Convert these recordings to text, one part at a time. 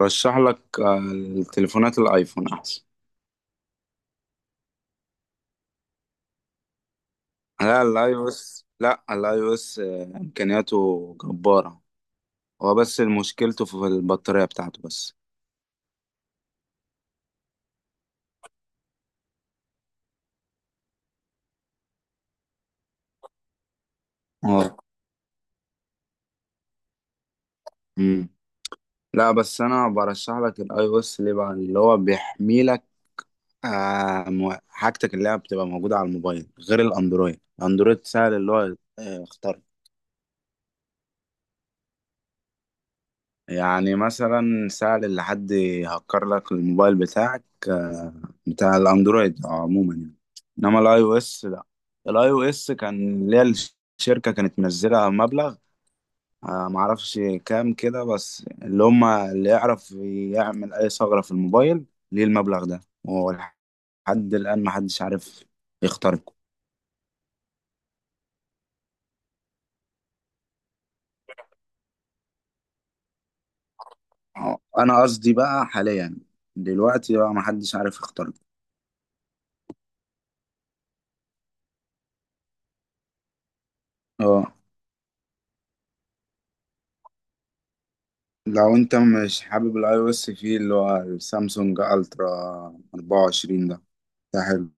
ارشح لك التليفونات الايفون احسن. لا الاي او اس، لا الاي او اس امكانياته جبارة. هو بس مشكلته في البطارية بتاعته بس. اه امم لا بس انا برشح لك الاي او اس ليه؟ بقى اللي هو بيحمي لك حاجتك اللي هي بتبقى موجودة على الموبايل غير الاندرويد سهل اللي هو يخترق. يعني مثلا سهل اللي حد يهكر لك الموبايل بتاعك، بتاع الاندرويد عموما يعني. انما الاي او اس لا. الاي او اس كان ليها، الشركه كانت منزله مبلغ، معرفش كام كده، بس اللي هم اللي يعرف يعمل اي ثغره في الموبايل ليه المبلغ ده، وهو لحد الان محدش عارف يخترقه. انا قصدي بقى حاليا، دلوقتي بقى محدش عارف يخترقه. اه لو انت مش حابب الاي او اس، فيه اللي هو السامسونج الترا 24 ده حلو.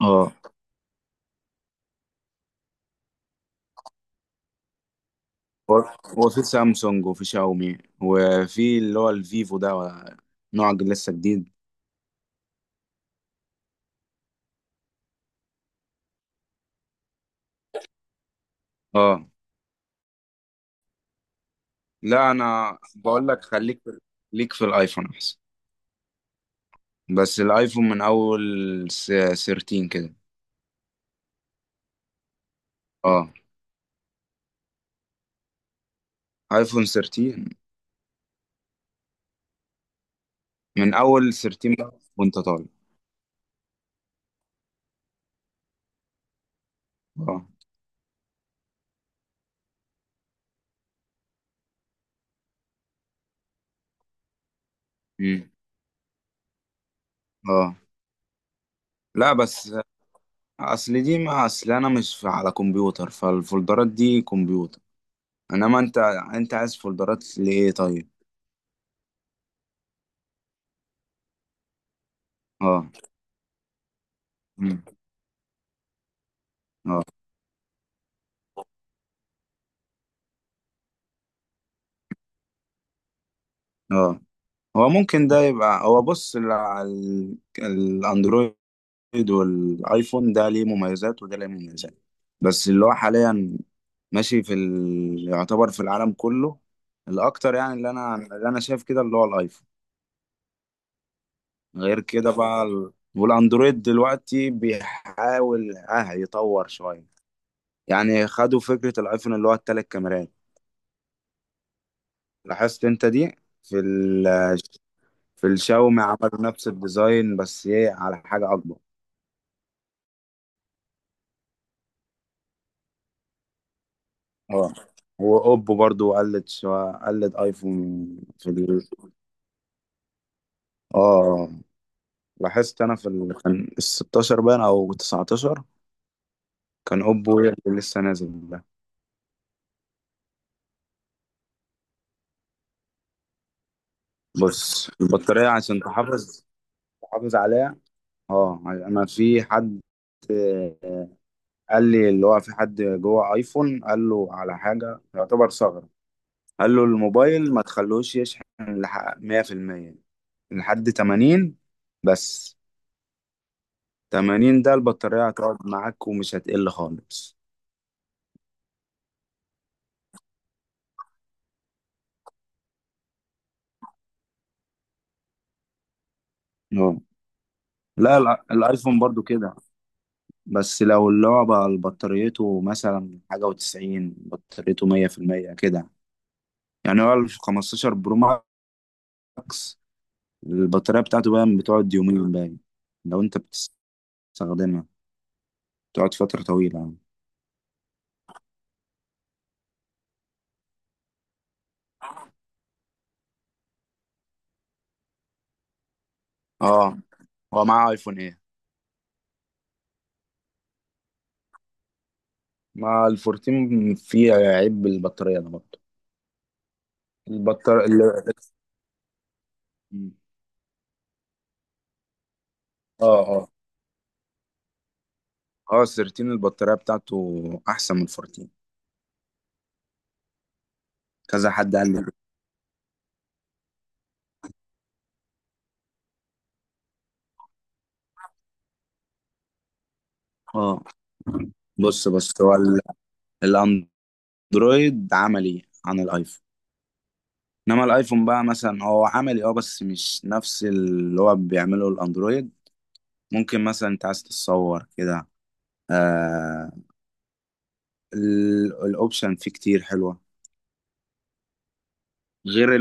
اه. هو هو في سامسونج، وفي شاومي، وفي اللي هو الفيفو ده، لسه جديد. اه لا انا بقول لك، ليك في الايفون احسن، بس الايفون من اول س- 13 كده. اه ايفون 13. من اول 13 بقى وانت طالع. اه. مم. اه. لا بس اصل دي ما اصل انا مش على كمبيوتر، فالفولدرات دي كمبيوتر، انما انت عايز فولدرات لايه طيب؟ اه. مم. اه. اه هو ممكن ده يبقى، هو بص، الاندرويد والايفون، ده ليه مميزات وده ليه مميزات، بس اللي هو حاليا ماشي يعتبر في العالم كله الاكتر، يعني اللي انا شايف كده اللي هو الايفون. غير كده بقى والاندرويد دلوقتي بيحاول يطور شوية. يعني خدوا فكرة الايفون اللي هو التلات كاميرات، لاحظت انت دي في ال في الشاومي؟ عملوا نفس الديزاين، بس ايه، على حاجة اكبر. اه واوبو برضو قلد، شو قلد ايفون. في ال... اه لاحظت انا كان ال 16 باين او 19، كان اوبو هي اللي لسه نازل ده. بص، البطارية عشان تحافظ عليها. اه انا في حد قال لي اللي هو في حد جوه ايفون، قال له على حاجة يعتبر ثغرة، قال له الموبايل ما تخلوش يشحن 100%، لحد 80 بس، 80 ده البطارية هتقعد معاك ومش هتقل خالص. اه لا، الايفون برضو كده، بس لو اللي هو بقى بطاريته مثلا حاجة وتسعين، بطاريته مية في المية كده، يعني هو 15 برو ماكس، البطارية بتاعته بقى بتقعد يومين باين لو انت بتستخدمها، تقعد فترة طويلة يعني. اه، هو معاه ايفون ايه؟ مع ال14 فيه عيب البطارية ده برضه؟ البطارية ال- اه، اه، اه، 13 البطارية بتاعته احسن من 14، كذا حد قال لي كده. اه بص، بص، هو الاندرويد عملي عن الايفون، انما الايفون بقى مثلا هو عملي، بس مش نفس اللي هو بيعمله الاندرويد. ممكن مثلا انت عايز تتصور كده، آه الاوبشن فيه كتير حلوة، غير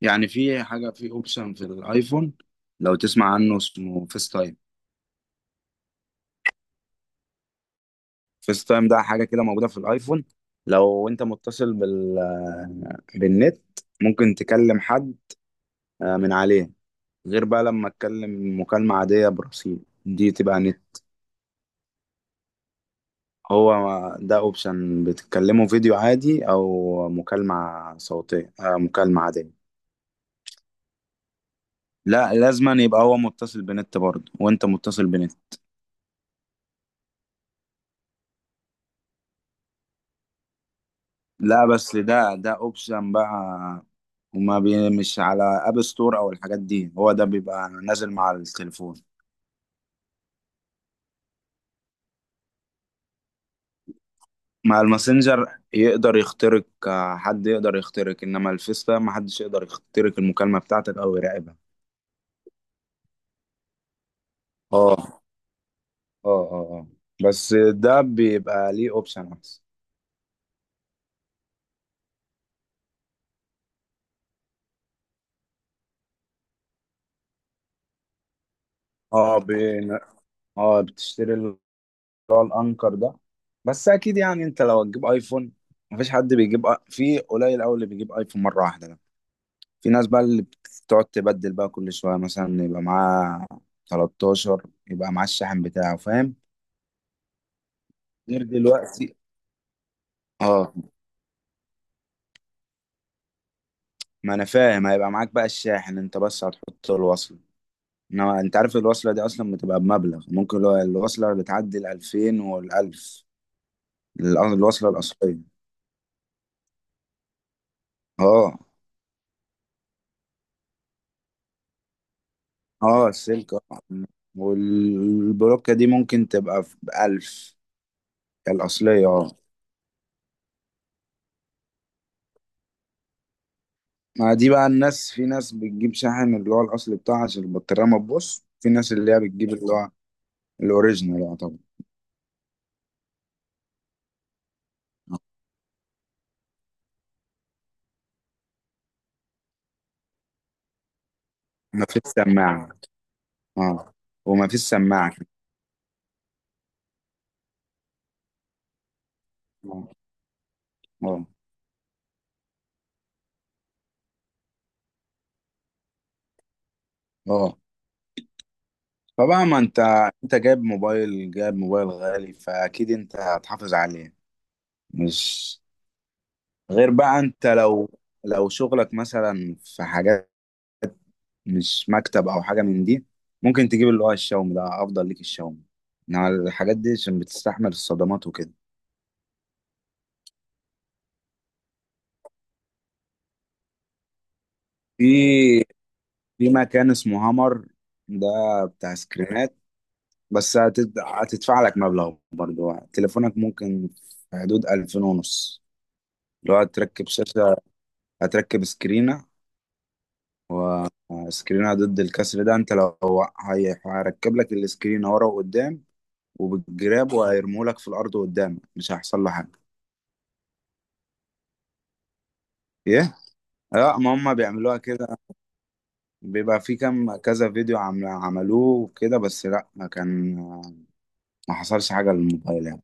يعني في حاجة في اوبشن في الايفون، لو تسمع عنه اسمه فيس تايم. فيس تايم ده حاجة كده موجودة في الايفون، لو انت متصل بالنت، ممكن تكلم حد من عليه، غير بقى لما تكلم مكالمة عادية برصيد، دي تبقى نت. هو ده اوبشن بتتكلمه فيديو عادي او مكالمة صوتية، مكالمة عادية. لا، لازما يبقى هو متصل بنت برضه وانت متصل بنت. لا بس ده اوبشن بقى، وما بي مش على اب ستور او الحاجات دي، هو ده بيبقى نازل مع التليفون. مع الماسنجر يقدر يخترق، حد يقدر يخترق، انما الفيس ده ما حدش يقدر يخترق المكالمة بتاعتك او يراقبها. اه، اه، اه، اه، بس ده بيبقى ليه اوبشن احسن. اه. بين اه بتشتري اللي هو الانكر ده، بس اكيد يعني انت لو هتجيب ايفون، مفيش حد بيجيب في قليل قوي اللي بيجيب ايفون مرة واحدة، في ناس بقى اللي بتقعد تبدل بقى كل شوية، مثلا يبقى معاه 13، يبقى معاه الشاحن بتاعه فاهم، غير دلوقتي. اه ما انا فاهم، هيبقى معاك بقى الشاحن انت، بس هتحط الوصلة، انما انت عارف الوصلة دي اصلا بتبقى بمبلغ، ممكن لو الوصلة بتعدي ال 2000 وال 1000، الوصلة الأصلية. اه. اه، السلك، اه. والبلوكة دي ممكن تبقى ب 1000 الأصلية، اه. ما دي بقى الناس، في ناس بتجيب شاحن اللي هو الاصلي بتاعها عشان البطاريه ما تبوظ، في ناس اللي هي بتجيب اللي هو الاوريجينال بقى طبعا. آه. ما فيش سماعه. اه، وما فيش سماعه. اه، اه. آه. فبقى ما انت جايب موبايل، جايب موبايل غالي، فاكيد انت هتحافظ عليه، مش؟ غير بقى انت لو شغلك مثلا في حاجات مش مكتب او حاجه من دي، ممكن تجيب اللي هو الشاومي، ده افضل ليك، الشاومي انما الحاجات دي عشان بتستحمل الصدمات وكده. في في مكان اسمه هامر، ده بتاع سكرينات، بس هتدفع لك مبلغ برضه، تليفونك ممكن في حدود ألفين ونص، لو هتركب شاشة، هتركب سكرينة، وسكرينة ضد الكسر ده انت لو، هيركب لك السكرينة ورا وقدام، وبالجراب، وهيرموا لك في الأرض قدام، مش هيحصل له حاجة. ايه؟ لا، ما هم بيعملوها كده، بيبقى في كم كذا فيديو عملوه كده، بس لا ما كان، ما حصلش حاجة للموبايل يعني.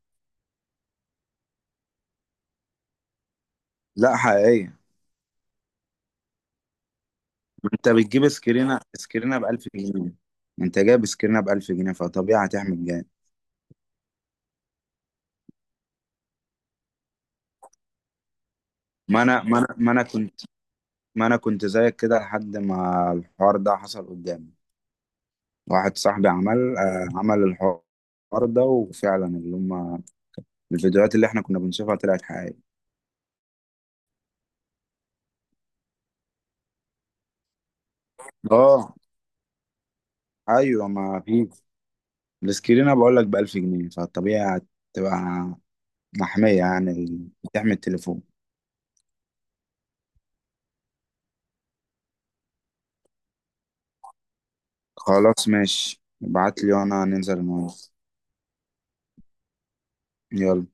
لا، حقيقية. ما انت بتجيب سكرينة ب 1000 جنيه، ما انت جايب سكرينة ب 1000 جنيه، فطبيعي هتحمل جامد. ما انا ما انا ما انا كنت ما انا كنت زيك كده لحد ما الحوار ده حصل قدامي، واحد صاحبي عمل الحوار ده، وفعلا اللي هم الفيديوهات اللي احنا كنا بنشوفها طلعت حقيقية. اه، ايوه، ما في السكرينة بقول لك ب 1000 جنيه، فالطبيعي هتبقى محمية، يعني بتحمي التليفون. خلاص ماشي، ابعت لي وانا ننزل النهارده. يلا.